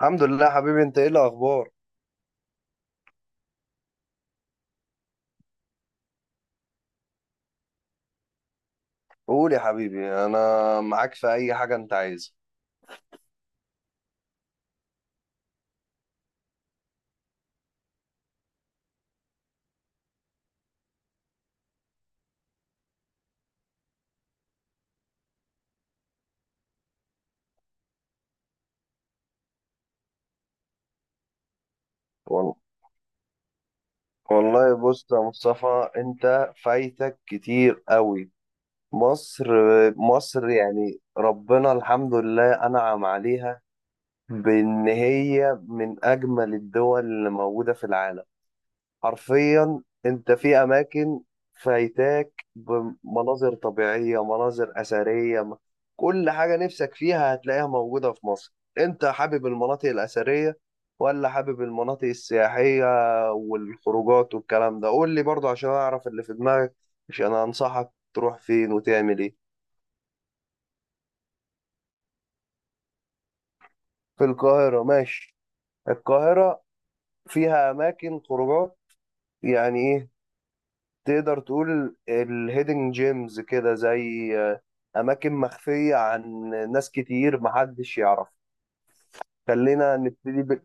الحمد لله حبيبي، انت ايه الاخبار؟ قول يا حبيبي، انا معاك في اي حاجه انت عايزها. والله. والله بص يا مصطفى، انت فايتك كتير قوي. مصر. مصر يعني ربنا الحمد لله انعم عليها، بان هي من اجمل الدول اللي موجوده في العالم. حرفيا انت في اماكن فايتاك بمناظر طبيعيه، مناظر اثريه كل حاجه نفسك فيها هتلاقيها موجوده في مصر. انت حابب المناطق الاثريه ولا حابب المناطق السياحيه والخروجات والكلام ده؟ قول لي برضه عشان اعرف اللي في دماغك، عشان انصحك تروح فين وتعمل ايه. في القاهره، ماشي. القاهره فيها اماكن خروجات، يعني ايه، تقدر تقول الهيدن جيمز كده زي أماكن مخفية عن ناس كتير محدش يعرف. خلينا نبتدي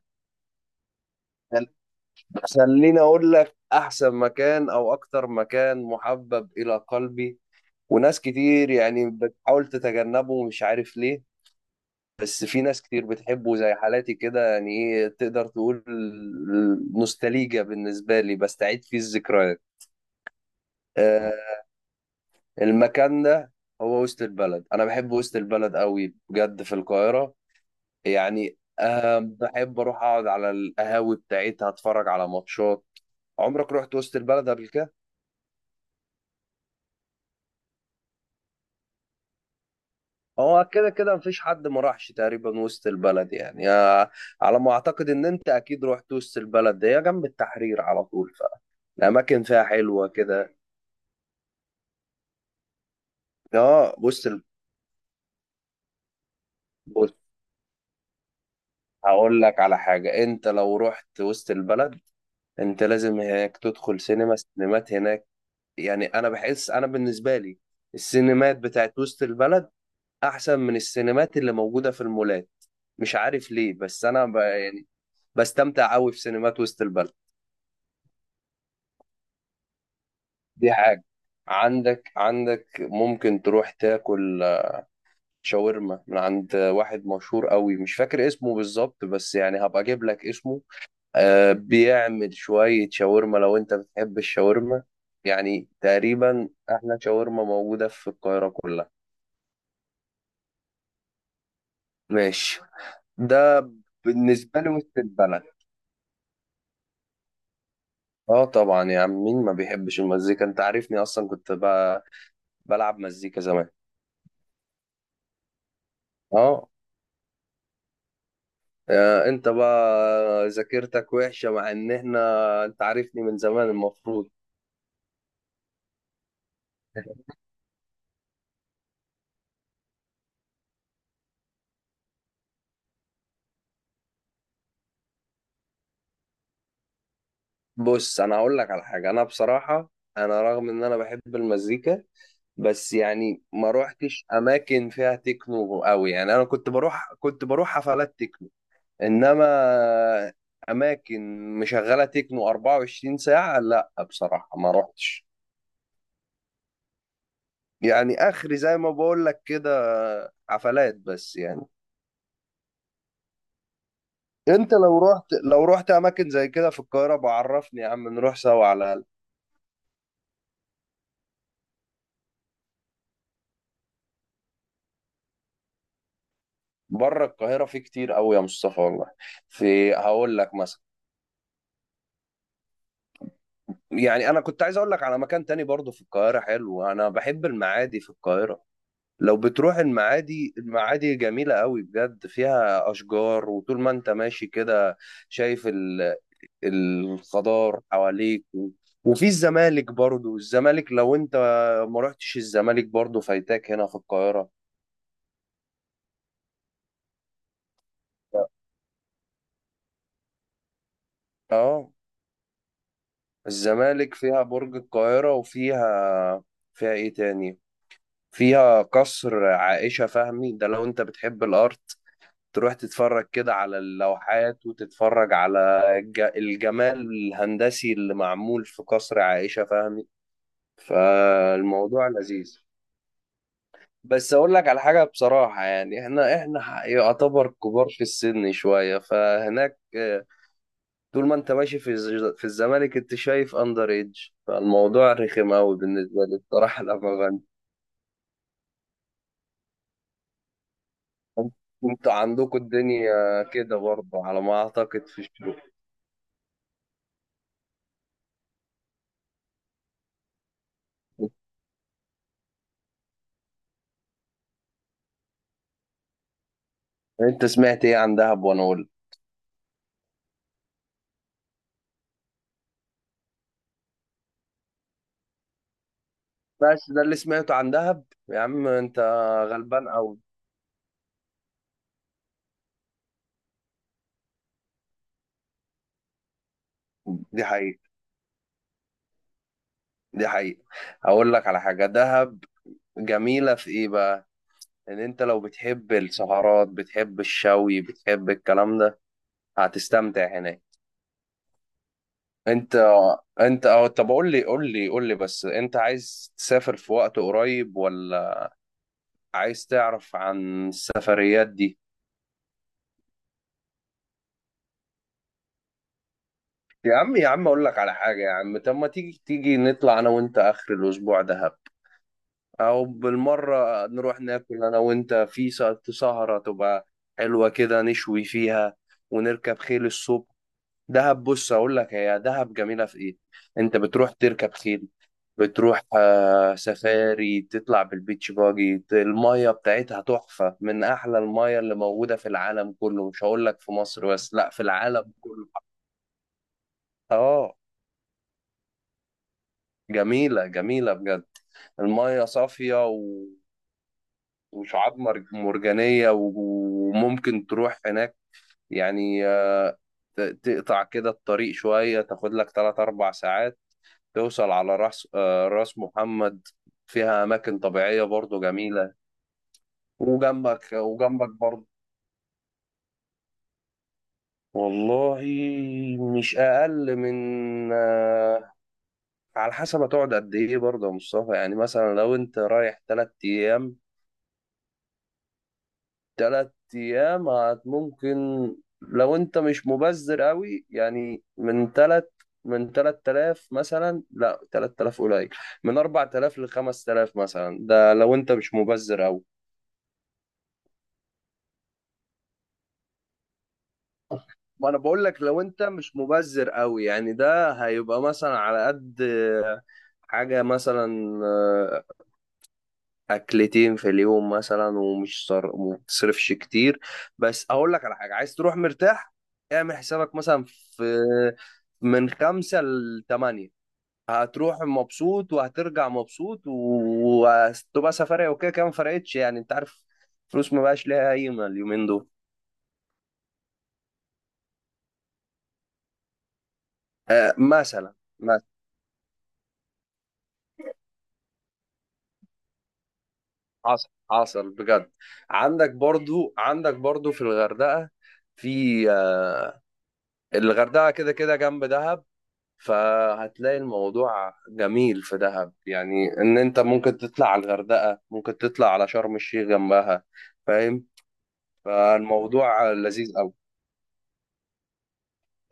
خليني أقول لك أحسن مكان أو أكتر مكان محبب إلى قلبي، وناس كتير يعني بتحاول تتجنبه ومش عارف ليه، بس في ناس كتير بتحبه زي حالاتي كده، يعني إيه تقدر تقول، نوستالجيا بالنسبة لي بستعيد فيه الذكريات. آه، المكان ده هو وسط البلد، انا بحب وسط البلد قوي بجد في القاهره. يعني بحب اروح اقعد على القهاوي بتاعتها، اتفرج على ماتشات. عمرك رحت وسط البلد قبل كده؟ هو كده كده مفيش حد ما راحش تقريبا وسط البلد يعني. على ما اعتقد ان انت اكيد رحت وسط البلد، ده هي جنب التحرير على طول، فالاماكن فيها حلوه كده. اه، وسط بص، هقول لك على حاجه. انت لو رحت وسط البلد انت لازم هناك تدخل سينما، سينمات هناك. يعني انا بحس، انا بالنسبه لي السينمات بتاعت وسط البلد احسن من السينمات اللي موجوده في المولات. مش عارف ليه، بس انا يعني بستمتع قوي في سينمات وسط البلد. دي حاجه. عندك ممكن تروح تاكل شاورما من عند واحد مشهور قوي، مش فاكر اسمه بالظبط بس يعني هبقى اجيب لك اسمه. بيعمل شويه شاورما لو انت بتحب الشاورما، يعني تقريبا احلى شاورما موجوده في القاهره كلها. ماشي، ده بالنسبة لي وسط البلد. اه طبعا يا عم، مين ما بيحبش المزيكا؟ انت عارفني اصلا، كنت بقى بلعب مزيكا زمان. اه. انت بقى ذاكرتك وحشة مع ان احنا انت عارفني من زمان المفروض. بص، انا هقول لك على حاجة. انا بصراحة، انا رغم ان انا بحب المزيكا، بس يعني ما روحتش اماكن فيها تكنو قوي، يعني انا كنت بروح حفلات تكنو. انما اماكن مشغله تكنو 24 ساعه، لا بصراحه ما روحتش، يعني اخري زي ما بقول لك كده، حفلات بس يعني. انت لو رحت اماكن زي كده في القاهره بعرفني يا عم، نروح سوا على الاقل. بره القاهره في كتير قوي يا مصطفى والله. في، هقول لك مثلا، يعني انا كنت عايز اقول لك على مكان تاني برضه في القاهره حلو، انا بحب المعادي في القاهره. لو بتروح المعادي، المعادي جميلة قوي بجد، فيها أشجار وطول ما أنت ماشي كده شايف الخضار حواليك وفي الزمالك برضو. الزمالك، لو أنت ما رحتش الزمالك برضو فايتاك هنا في القاهرة. اه، الزمالك فيها برج القاهرة، وفيها ايه تاني؟ فيها قصر عائشة فهمي، ده لو انت بتحب الارت تروح تتفرج كده على اللوحات وتتفرج على الجمال الهندسي اللي معمول في قصر عائشة فهمي. فالموضوع لذيذ. بس اقول لك على حاجة بصراحة، يعني احنا يعتبر كبار في السن شوية، فهناك طول ما انت ماشي في في الزمالك انت شايف اندر ايدج، فالموضوع رخم قوي بالنسبة لي بصراحة لما انتوا عندكم الدنيا كده برضه على ما اعتقد في الشروق. انت سمعت ايه عن دهب وانا اقول؟ بس ده اللي سمعته عن دهب؟ يا عم انت غلبان قوي. دي حقيقة، دي حقيقة. اقول لك على حاجة، دهب جميلة في ايه بقى، ان انت لو بتحب السهرات بتحب الشوي بتحب الكلام ده، هتستمتع هناك. انت انت اه طب، قول لي بس انت عايز تسافر في وقت قريب، ولا عايز تعرف عن السفريات دي؟ يا عم اقول لك على حاجة، يا عم طب ما تيجي نطلع انا وانت اخر الاسبوع ده، او بالمره نروح ناكل انا وانت في سهره تبقى حلوه كده، نشوي فيها ونركب خيل الصبح. دهب، بص اقول لك هي دهب جميله في ايه، انت بتروح تركب خيل، بتروح سفاري، تطلع بالبيتش باجي، الميه بتاعتها تحفه من احلى الميه اللي موجوده في العالم كله، مش هقول لك في مصر بس، لا، في العالم كله. اه، جميله جميله بجد. الميه صافيه وشعاب مرجانية، وممكن تروح هناك يعني، تقطع كده الطريق شوية، تاخد لك 3 أو 4 ساعات توصل على راس محمد، فيها أماكن طبيعية برضو جميلة. وجنبك برضو، والله مش أقل من آه، على حسب هتقعد قد إيه برضه يا مصطفى، يعني مثلا لو أنت رايح 3 أيام، 3 أيام ممكن، لو أنت مش مبذر قوي، يعني من تلات، من 3000 مثلا. لا، 3000 قليل، من 4000 ل 5000 مثلا، ده لو أنت مش مبذر قوي. ما انا بقول لك لو انت مش مبذر قوي، يعني ده هيبقى مثلا على قد حاجة، مثلا اكلتين في اليوم مثلا ومش وما بتصرفش كتير. بس اقول لك على حاجه، عايز تروح مرتاح اعمل حسابك مثلا في، من 5 ل 8، هتروح مبسوط وهترجع مبسوط وهتبقى سفرية، وكده كده ما فرقتش يعني انت عارف، فلوس ما بقاش ليها قيمة اليومين دول. مثلا، مثلا. حصل حصل بجد. عندك برضو في الغردقة، في الغردقة كده كده جنب دهب، فهتلاقي الموضوع جميل في دهب، يعني ان انت ممكن تطلع على الغردقة، ممكن تطلع على شرم الشيخ جنبها. فاهم؟ فالموضوع لذيذ قوي.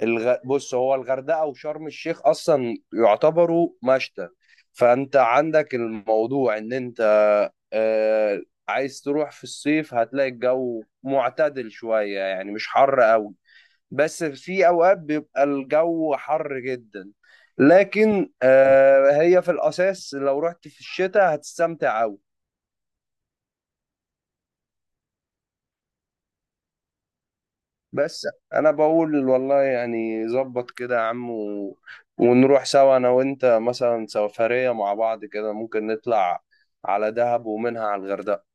بص، هو الغردقة وشرم الشيخ اصلا يعتبروا مشتى. فانت عندك الموضوع ان انت آه... عايز تروح في الصيف هتلاقي الجو معتدل شوية، يعني مش حر قوي، بس في اوقات بيبقى الجو حر جدا. لكن هي في الاساس لو رحت في الشتاء هتستمتع قوي. بس انا بقول والله، يعني ظبط كده يا عم ونروح سوا انا وانت، مثلا سفرية مع بعض كده ممكن نطلع على دهب ومنها على الغردقة.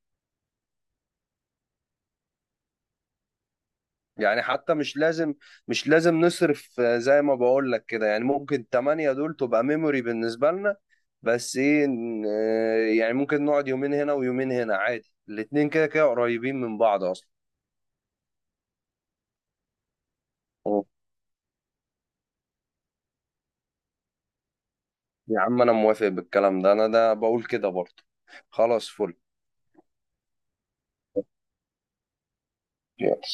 يعني حتى مش لازم، نصرف زي ما بقول لك كده، يعني ممكن 8 دول تبقى ميموري بالنسبة لنا. بس ايه يعني ممكن نقعد يومين هنا ويومين هنا عادي، الاتنين كده كده قريبين من بعض اصلا. أوه. يا عم انا موافق بالكلام ده، انا ده بقول كده برضه. خلاص فل. يلا.